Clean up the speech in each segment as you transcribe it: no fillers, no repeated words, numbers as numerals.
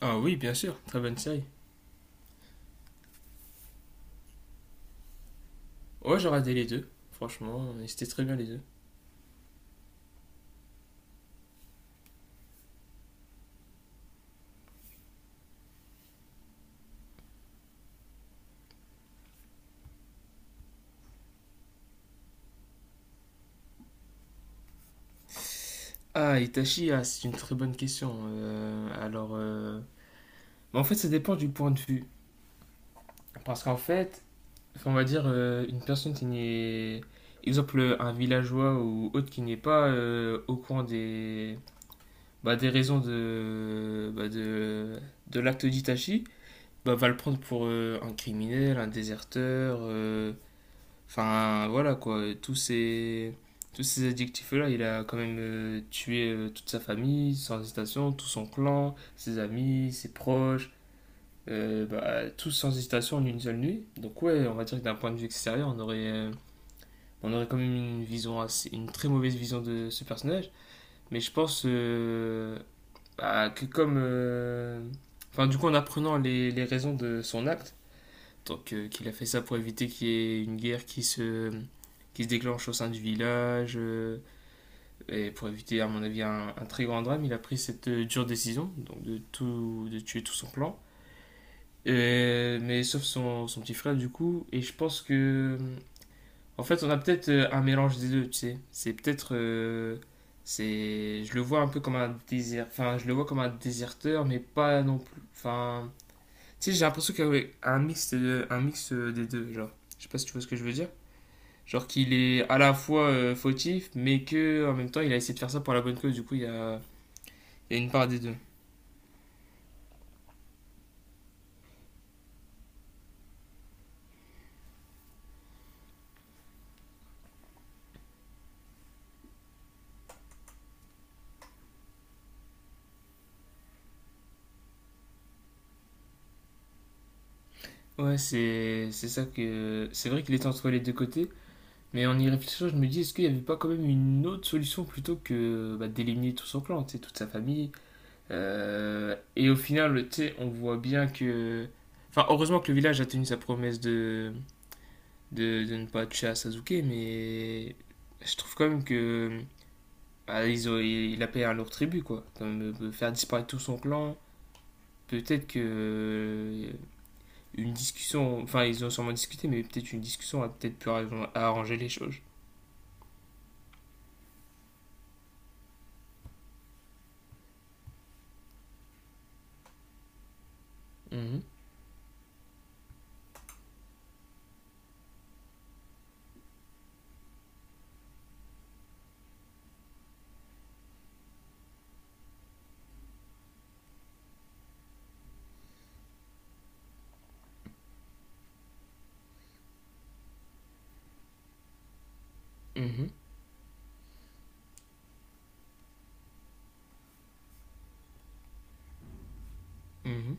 Ah oui, bien sûr, très bonne série. Ouais, j'ai regardé les deux, franchement, et c'était très bien les deux. Ah, Itachi, ah, c'est une très bonne question. En fait, ça dépend du point de vue. Parce qu'en fait, on va dire une personne qui n'est, exemple, un villageois ou autre qui n'est pas au courant des raisons de l'acte d'Itachi, bah, va le prendre pour un criminel, un déserteur, Enfin, voilà quoi, tous ces adjectifs-là. Il a quand même tué toute sa famille, sans hésitation, tout son clan, ses amis, ses proches, bah, tous sans hésitation en une seule nuit. Donc, ouais, on va dire que d'un point de vue extérieur, on aurait quand même une très mauvaise vision de ce personnage. Mais je pense bah, que comme. Enfin, du coup, en apprenant les raisons de son acte, donc, qu'il a fait ça pour éviter qu'il y ait une guerre qui se déclenche au sein du village, et pour éviter, à mon avis, un très grand drame. Il a pris cette dure décision donc de tuer tout son clan. Mais sauf son petit frère, du coup. Et je pense que. En fait, on a peut-être un mélange des deux, tu sais. C'est peut-être. C'est je le vois un peu comme un désert enfin je le vois comme un déserteur, mais pas non plus. Enfin, tu sais, j'ai l'impression qu'il y a un mix, un mix des deux, genre. Je sais pas si tu vois ce que je veux dire. Genre qu'il est à la fois fautif, mais que en même temps, il a essayé de faire ça pour la bonne cause. Du coup, il y a une part des deux. Ouais, c'est ça que... C'est vrai qu'il est entre les deux côtés, mais en y réfléchissant, je me dis, est-ce qu'il n'y avait pas quand même une autre solution plutôt que bah, d'éliminer tout son clan, tu sais, toute sa famille. Et au final, tu sais, on voit bien que... Enfin, heureusement que le village a tenu sa promesse de ne pas toucher à Sasuke, mais je trouve quand même que bah, il a payé un lourd tribut, quoi. Comme, faire disparaître tout son clan, peut-être que une discussion, enfin ils ont sûrement discuté, mais peut-être une discussion a peut-être pu arranger les choses. Mhm, mhm, mhm.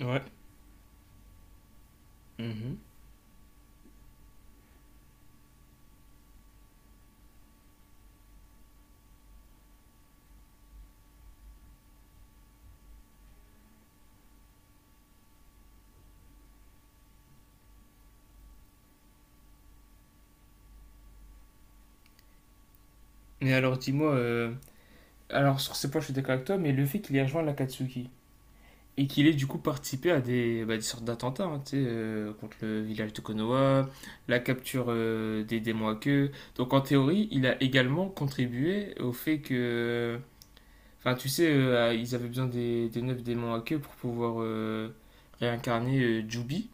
Ouais. Mhm. Mais alors dis-moi, alors sur ce point je suis d'accord avec toi, mais le fait qu'il ait rejoint l'Akatsuki, et qu'il ait du coup participé à des, bah, des sortes d'attentats, hein, tu sais, contre le village de Konoha, la capture des démons à queue. Donc en théorie, il a également contribué au fait que. Enfin, tu sais, ils avaient besoin des neuf démons à queue pour pouvoir réincarner Jubi.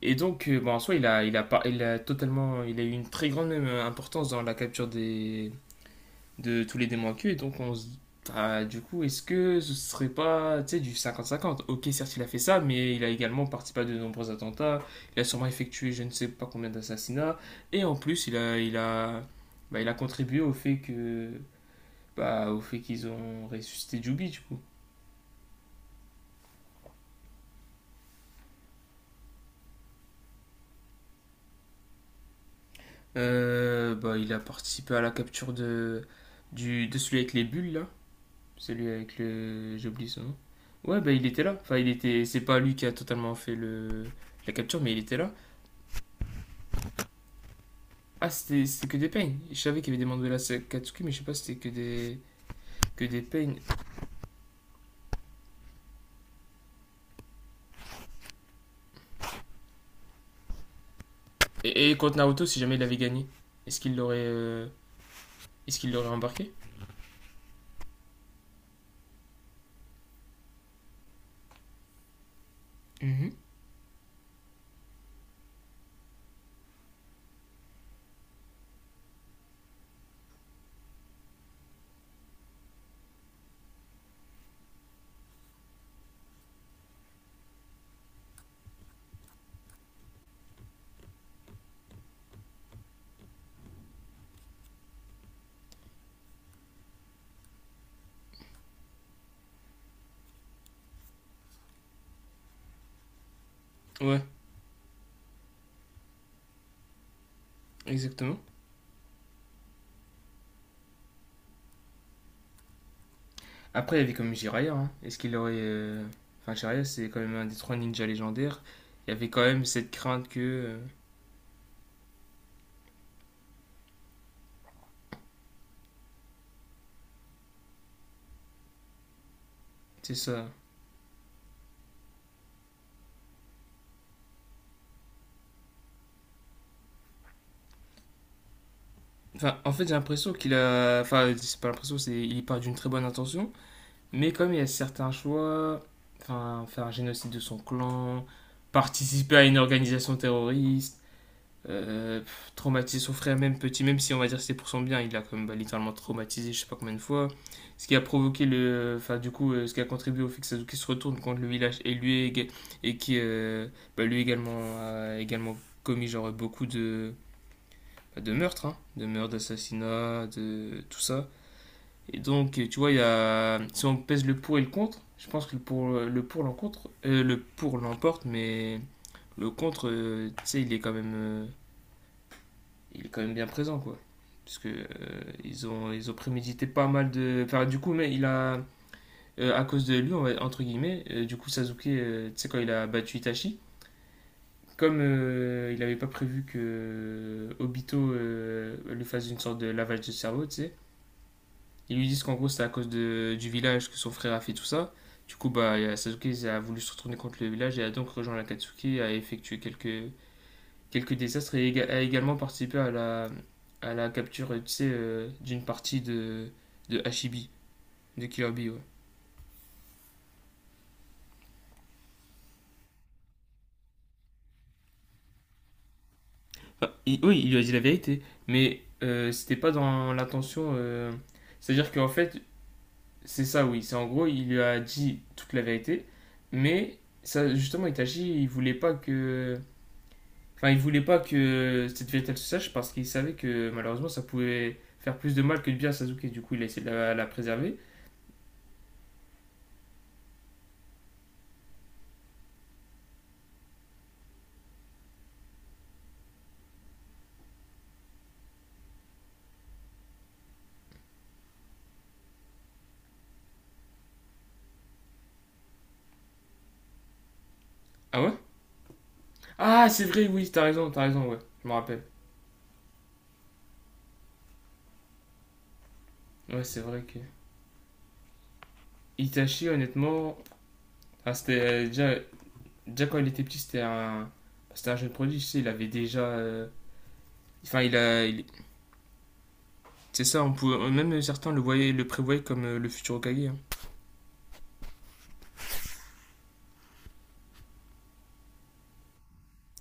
Et donc, bon, en soi, il a, par- il a totalement. Il a eu une très grande importance dans la capture des, de tous les démons à queue. Et donc on se. Bah, du coup, est-ce que ce serait pas, tu sais, du 50-50. Ok, certes, il a fait ça, mais il a également participé à de nombreux attentats. Il a sûrement effectué je ne sais pas combien d'assassinats. Et en plus, il a contribué au fait qu'ils ont ressuscité Jubi, du coup. Bah, il a participé à la capture de celui avec les bulles, là. Celui avec le. J'oublie son nom. Ouais, bah, il était là. Enfin, il était. C'est pas lui qui a totalement fait le, la capture, mais il était là. Ah, c'était que des pains. Je savais qu'il y avait des mandats à Katsuki, mais je sais pas si c'était que des pains. Et contre Naruto, si jamais il avait gagné, est-ce qu'il l'aurait euh, est-ce qu'il l'aurait embarqué. Mhm. Ouais, exactement. Après, il y avait comme Jiraiya, hein. Est-ce qu'il aurait. Enfin, Jiraiya, c'est quand même un des trois ninjas légendaires. Il y avait quand même cette crainte que. C'est ça. Enfin, en fait, j'ai l'impression qu'il a. Enfin, c'est pas l'impression, c'est il part d'une très bonne intention. Mais comme il y a certains choix, enfin, faire un génocide de son clan, participer à une organisation terroriste, pff, traumatiser son frère même petit, même si on va dire que c'est pour son bien, il l'a quand même bah, littéralement traumatisé je sais pas combien de fois. Ce qui a provoqué le... Enfin du coup, ce qui a contribué au fait que Sasuke se retourne contre le village et lui, et qui lui également a également commis genre beaucoup de meurtres, hein, de meurtres, d'assassinats, de tout ça. Et donc, tu vois, il y a... si on pèse le pour et le contre, je pense que le pour l'emporte, mais le contre, tu sais, il est quand même bien présent, quoi. Parce que ils ont prémédité pas mal de. Enfin, du coup, à cause de lui, on va- entre guillemets, du coup, Sasuke, tu sais, quand il a battu Itachi, comme il n'avait pas prévu que Obito lui fasse une sorte de lavage de cerveau, tu sais, ils lui disent qu'en gros, c'est à cause du village que son frère a fait tout ça. Du coup, bah, Sasuke a voulu se retourner contre le village et a donc rejoint l'Akatsuki, a effectué quelques désastres et a également participé à la capture, tu sais, d'une partie de Hashibi, de Killer Bee, ouais. Enfin, oui, il lui a dit la vérité, mais c'était pas dans l'intention. C'est-à-dire qu'en fait, c'est ça, oui. C'est en gros, il lui a dit toute la vérité, mais ça, justement, Itachi, il voulait pas que. Enfin, il voulait pas que cette vérité elle se sache parce qu'il savait que malheureusement ça pouvait faire plus de mal que de bien à Sasuke. Du coup, il a essayé de la préserver. Ah ouais. Ah, c'est vrai, oui, ouais. Je me rappelle. Ouais, c'est vrai que. Itachi, honnêtement. Ah, c'était déjà quand il était petit, c'était un. C'était un jeune prodige, tu sais, il avait déjà. Enfin, il a. il- C'est ça, on pouvait... même certains voyaient, le prévoyaient comme le futur Hokage, hein.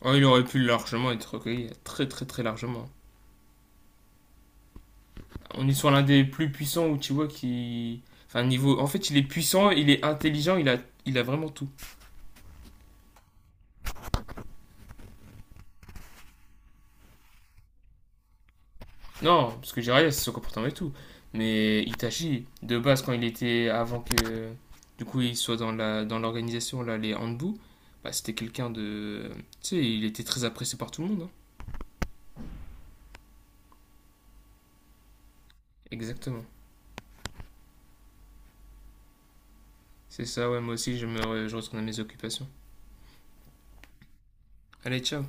Oh, il aurait pu largement être Hokage, très très très largement. On est sur l'un des plus puissants Uchiwa qui. Enfin, niveau. En fait, il est puissant, il est intelligent, il a vraiment tout. Non, parce que Jiraiya, c'est son comportement et tout. Mais Itachi, de base, quand il était. Avant que. Du coup, il soit dans la dans l'organisation, là, les Hanbu, bah, c'était quelqu'un de. Tu sais, il était très apprécié par tout le monde, hein. Exactement. C'est ça, ouais, moi aussi, je retourne à mes occupations. Allez, ciao.